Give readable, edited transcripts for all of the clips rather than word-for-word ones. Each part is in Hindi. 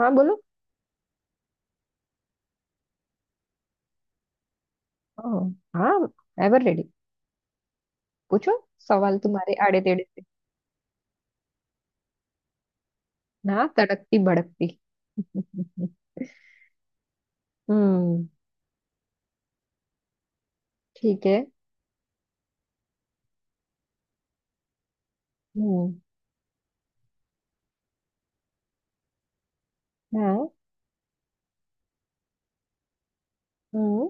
हाँ, बोलो। ओ, हाँ। Ever ready. पूछो। सवाल तुम्हारे आड़े टेढ़े से। ना तड़कती भड़कती। हम्म। ठीक है। हम्म। हाँ। हम्म।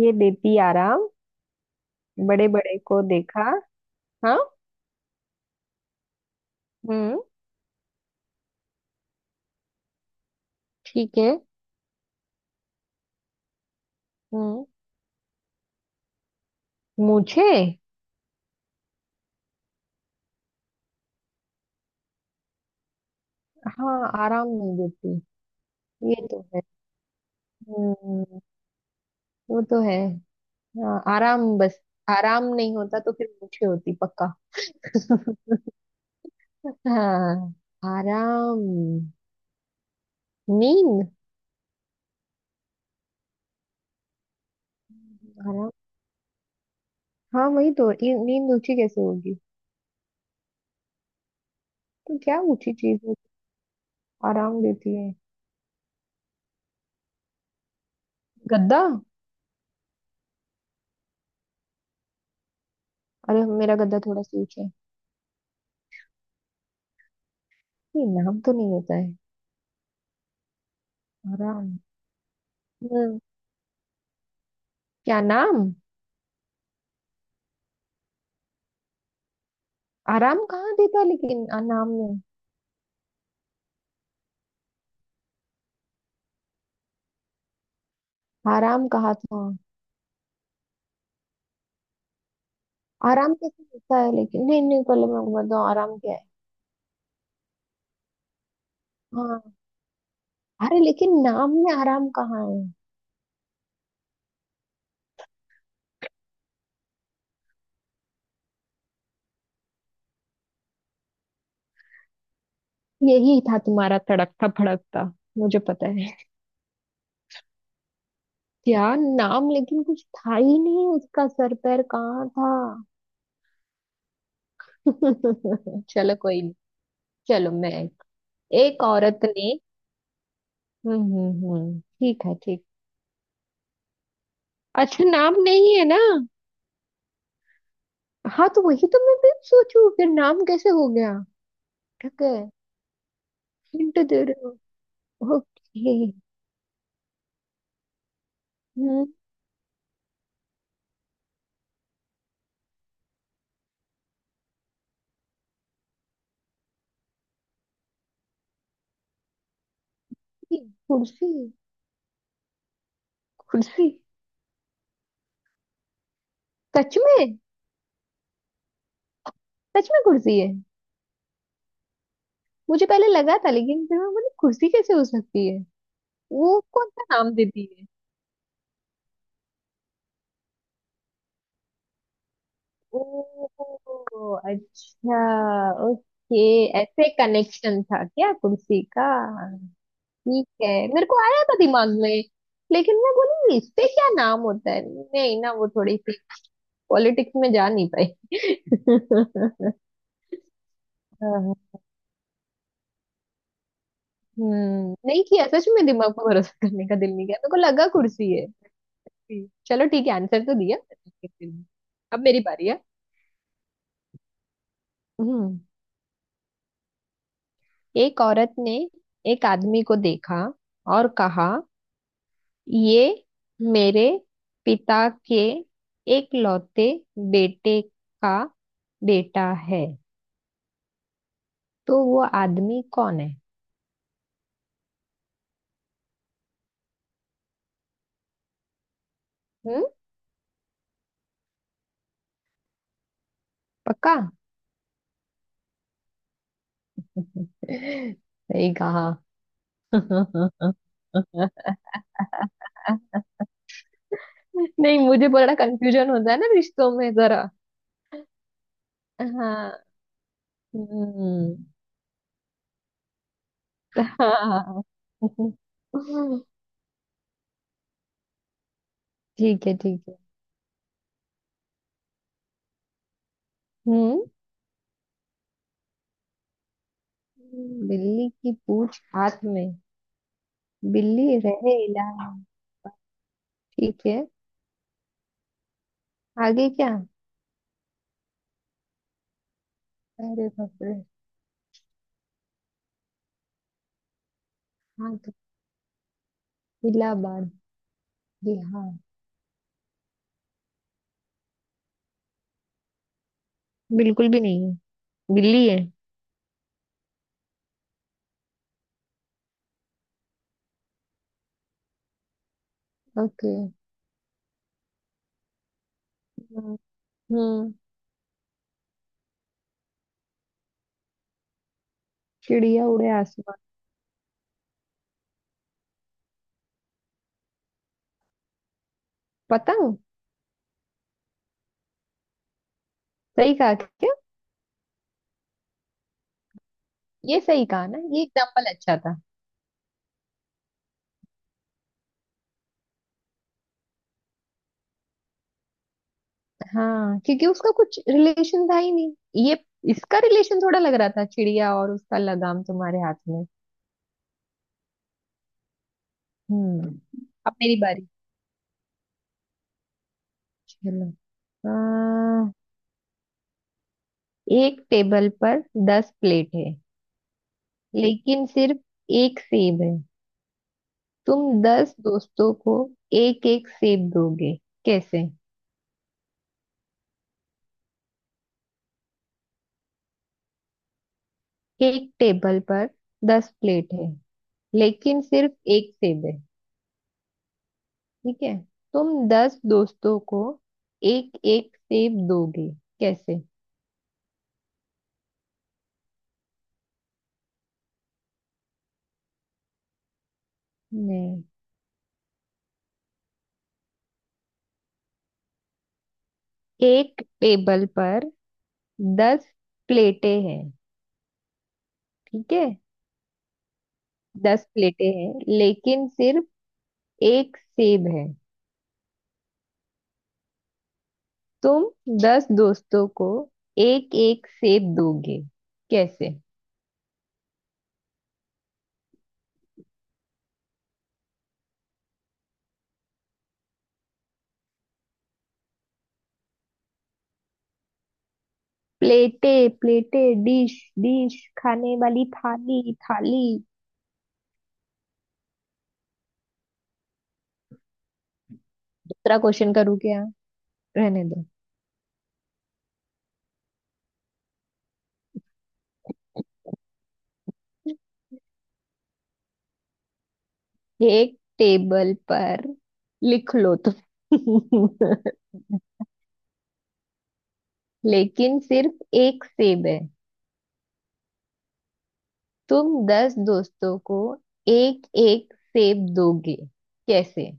ये देती आराम। बड़े बड़े को देखा। हाँ। हम्म। ठीक है। हम्म। मुझे। हाँ, आराम नहीं देती। ये तो है। हम्म। वो तो है। हाँ, आराम बस। आराम नहीं होता तो फिर मुझे होती पक्का। हाँ। आराम। नींद। आराम। हाँ, वही तो, ये नींद ऊंची कैसे होगी। तो क्या ऊंची चीज है। आराम देती है। गद्दा। अरे, मेरा गद्दा थोड़ा सा ऊंचा है। ये नाम तो नहीं होता है। आराम। हम्म, क्या नाम। आराम कहाँ देता है, लेकिन नाम में। आराम कहा था। आराम कैसे होता है, लेकिन नहीं नहीं पहले मैं बताऊँ आराम क्या है। हाँ। अरे लेकिन नाम में आराम कहाँ है। यही था तुम्हारा तड़कता भड़कता। मुझे पता है। क्या नाम, लेकिन कुछ था ही नहीं, उसका सर पैर कहाँ था। चलो कोई नहीं। चलो मैं। एक औरत ने। हम्म, ठीक है, ठीक। अच्छा नाम नहीं है ना। हाँ, तो वही तो मैं भी सोचू फिर नाम कैसे हो गया। ठीक है। हिंट दे रहे हो। ओके। हम्म, कुर्सी। कुर्सी। सच में। सच में कुर्सी है। मुझे पहले लगा था, लेकिन फिर मैं बोली कुर्सी कैसे हो सकती है। वो कौन सा नाम देती। ओ, अच्छा। ओके। ऐसे कनेक्शन था क्या कुर्सी का। ठीक है। मेरे को आया था दिमाग में। लेकिन मैं बोली इस पे क्या नाम होता है, नहीं ना, वो थोड़ी सी पॉलिटिक्स में जा नहीं पाई। नहीं किया, सच में दिमाग पर भरोसा करने का दिल नहीं किया, मेरे को लगा कुर्सी है। चलो ठीक है, आंसर तो दिया। अब मेरी बारी है। हम्म एक औरत ने एक आदमी को देखा और कहा, ये मेरे पिता के एकलौते बेटे का बेटा है, तो वो आदमी कौन है। हम्म। पक्का। सही कहा। नहीं। मुझे बड़ा कंफ्यूजन होता है ना, रिश्तों में जरा। हाँ। हम्म। हाँ, ठीक है ठीक है। हम्म बिल्ली की पूंछ हाथ में। बिल्ली रहे इलाज। ठीक है। आगे क्या। अरे बाप रे। हाँ, तो इलाहाबाद, बिहार। बिल्कुल भी नहीं है। बिल्ली है। ओके। हम्म। हम्म। चिड़िया उड़े आसमान। पतंग। सही कहा क्या। ये सही कहा ना, ये एग्जाम्पल अच्छा था। हाँ, क्योंकि उसका कुछ रिलेशन था ही नहीं। ये इसका रिलेशन थोड़ा लग रहा था, चिड़िया और उसका लगाम तुम्हारे हाथ में। हम्म। अब मेरी बारी। चलो। आ, एक टेबल पर 10 प्लेट है। लेकिन सिर्फ एक सेब है। तुम 10 दोस्तों को एक एक सेब दोगे, कैसे। एक टेबल पर दस प्लेट है। लेकिन सिर्फ एक सेब है। ठीक है। तुम 10 दोस्तों को एक एक सेब दोगे, कैसे। नहीं। एक टेबल पर 10 प्लेटें हैं। ठीक है। 10 प्लेटें हैं, लेकिन सिर्फ एक सेब है। तुम दस दोस्तों को एक एक सेब दोगे, कैसे। प्लेटे, प्लेटे डिश, डिश खाने वाली थाली, थाली। दूसरा क्वेश्चन करूँ क्या। रहने दो। एक टेबल पर। लिख लो तुम। लेकिन सिर्फ एक सेब है। तुम दस दोस्तों को एक एक सेब दोगे, कैसे।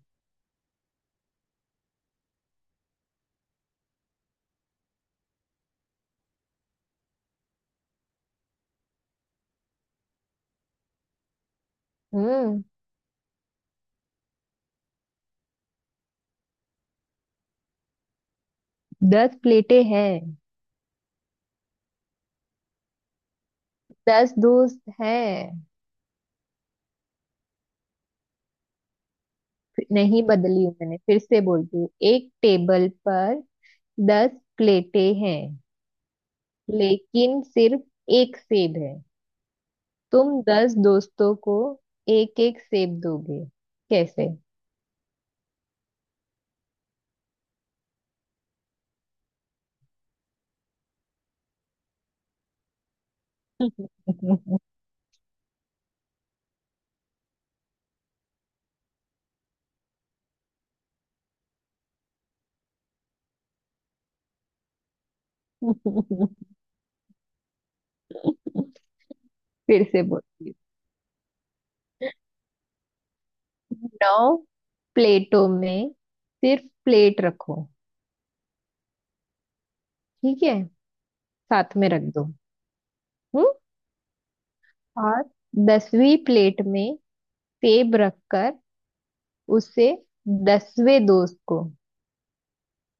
हम्म। 10 प्लेटें हैं। 10 दोस्त हैं। नहीं बदली हूं, मैंने फिर से बोलती हूँ, एक टेबल पर 10 प्लेटें हैं। लेकिन सिर्फ एक सेब है। तुम दस दोस्तों को एक एक सेब दोगे, कैसे। फिर से बोलती हूँ। 9 प्लेटों में सिर्फ प्लेट रखो। ठीक है। साथ में रख दो। हम्म। और 10वीं प्लेट में सेब रखकर उसे 10वें दोस्त को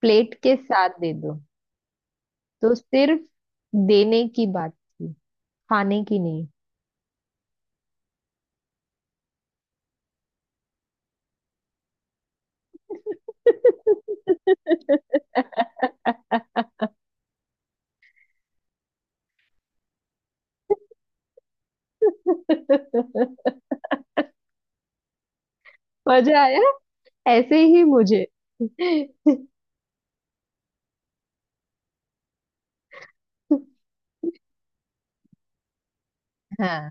प्लेट के साथ दे दो। तो सिर्फ देने की बात थी, खाने की नहीं। मजा आया। ऐसे ही मुझे। हाँ,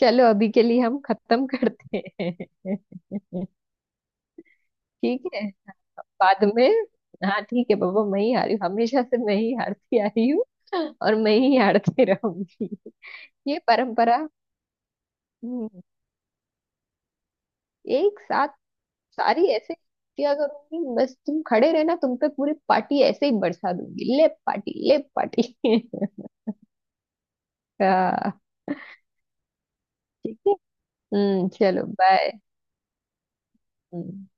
चलो अभी के लिए हम खत्म करते हैं। ठीक है। बाद में। हाँ, ठीक है बाबा, मैं ही हारी हूँ, हमेशा से मैं ही हारती आई हूँ। और मैं ही हारती रहूंगी। ये परंपरा। हम्म। एक साथ सारी ऐसे किया करूंगी, बस तुम खड़े रहना, तुम पे पूरी पार्टी ऐसे ही बरसा दूंगी, ले पार्टी ले पार्टी। ठीक है। चलो बाय। हम्म।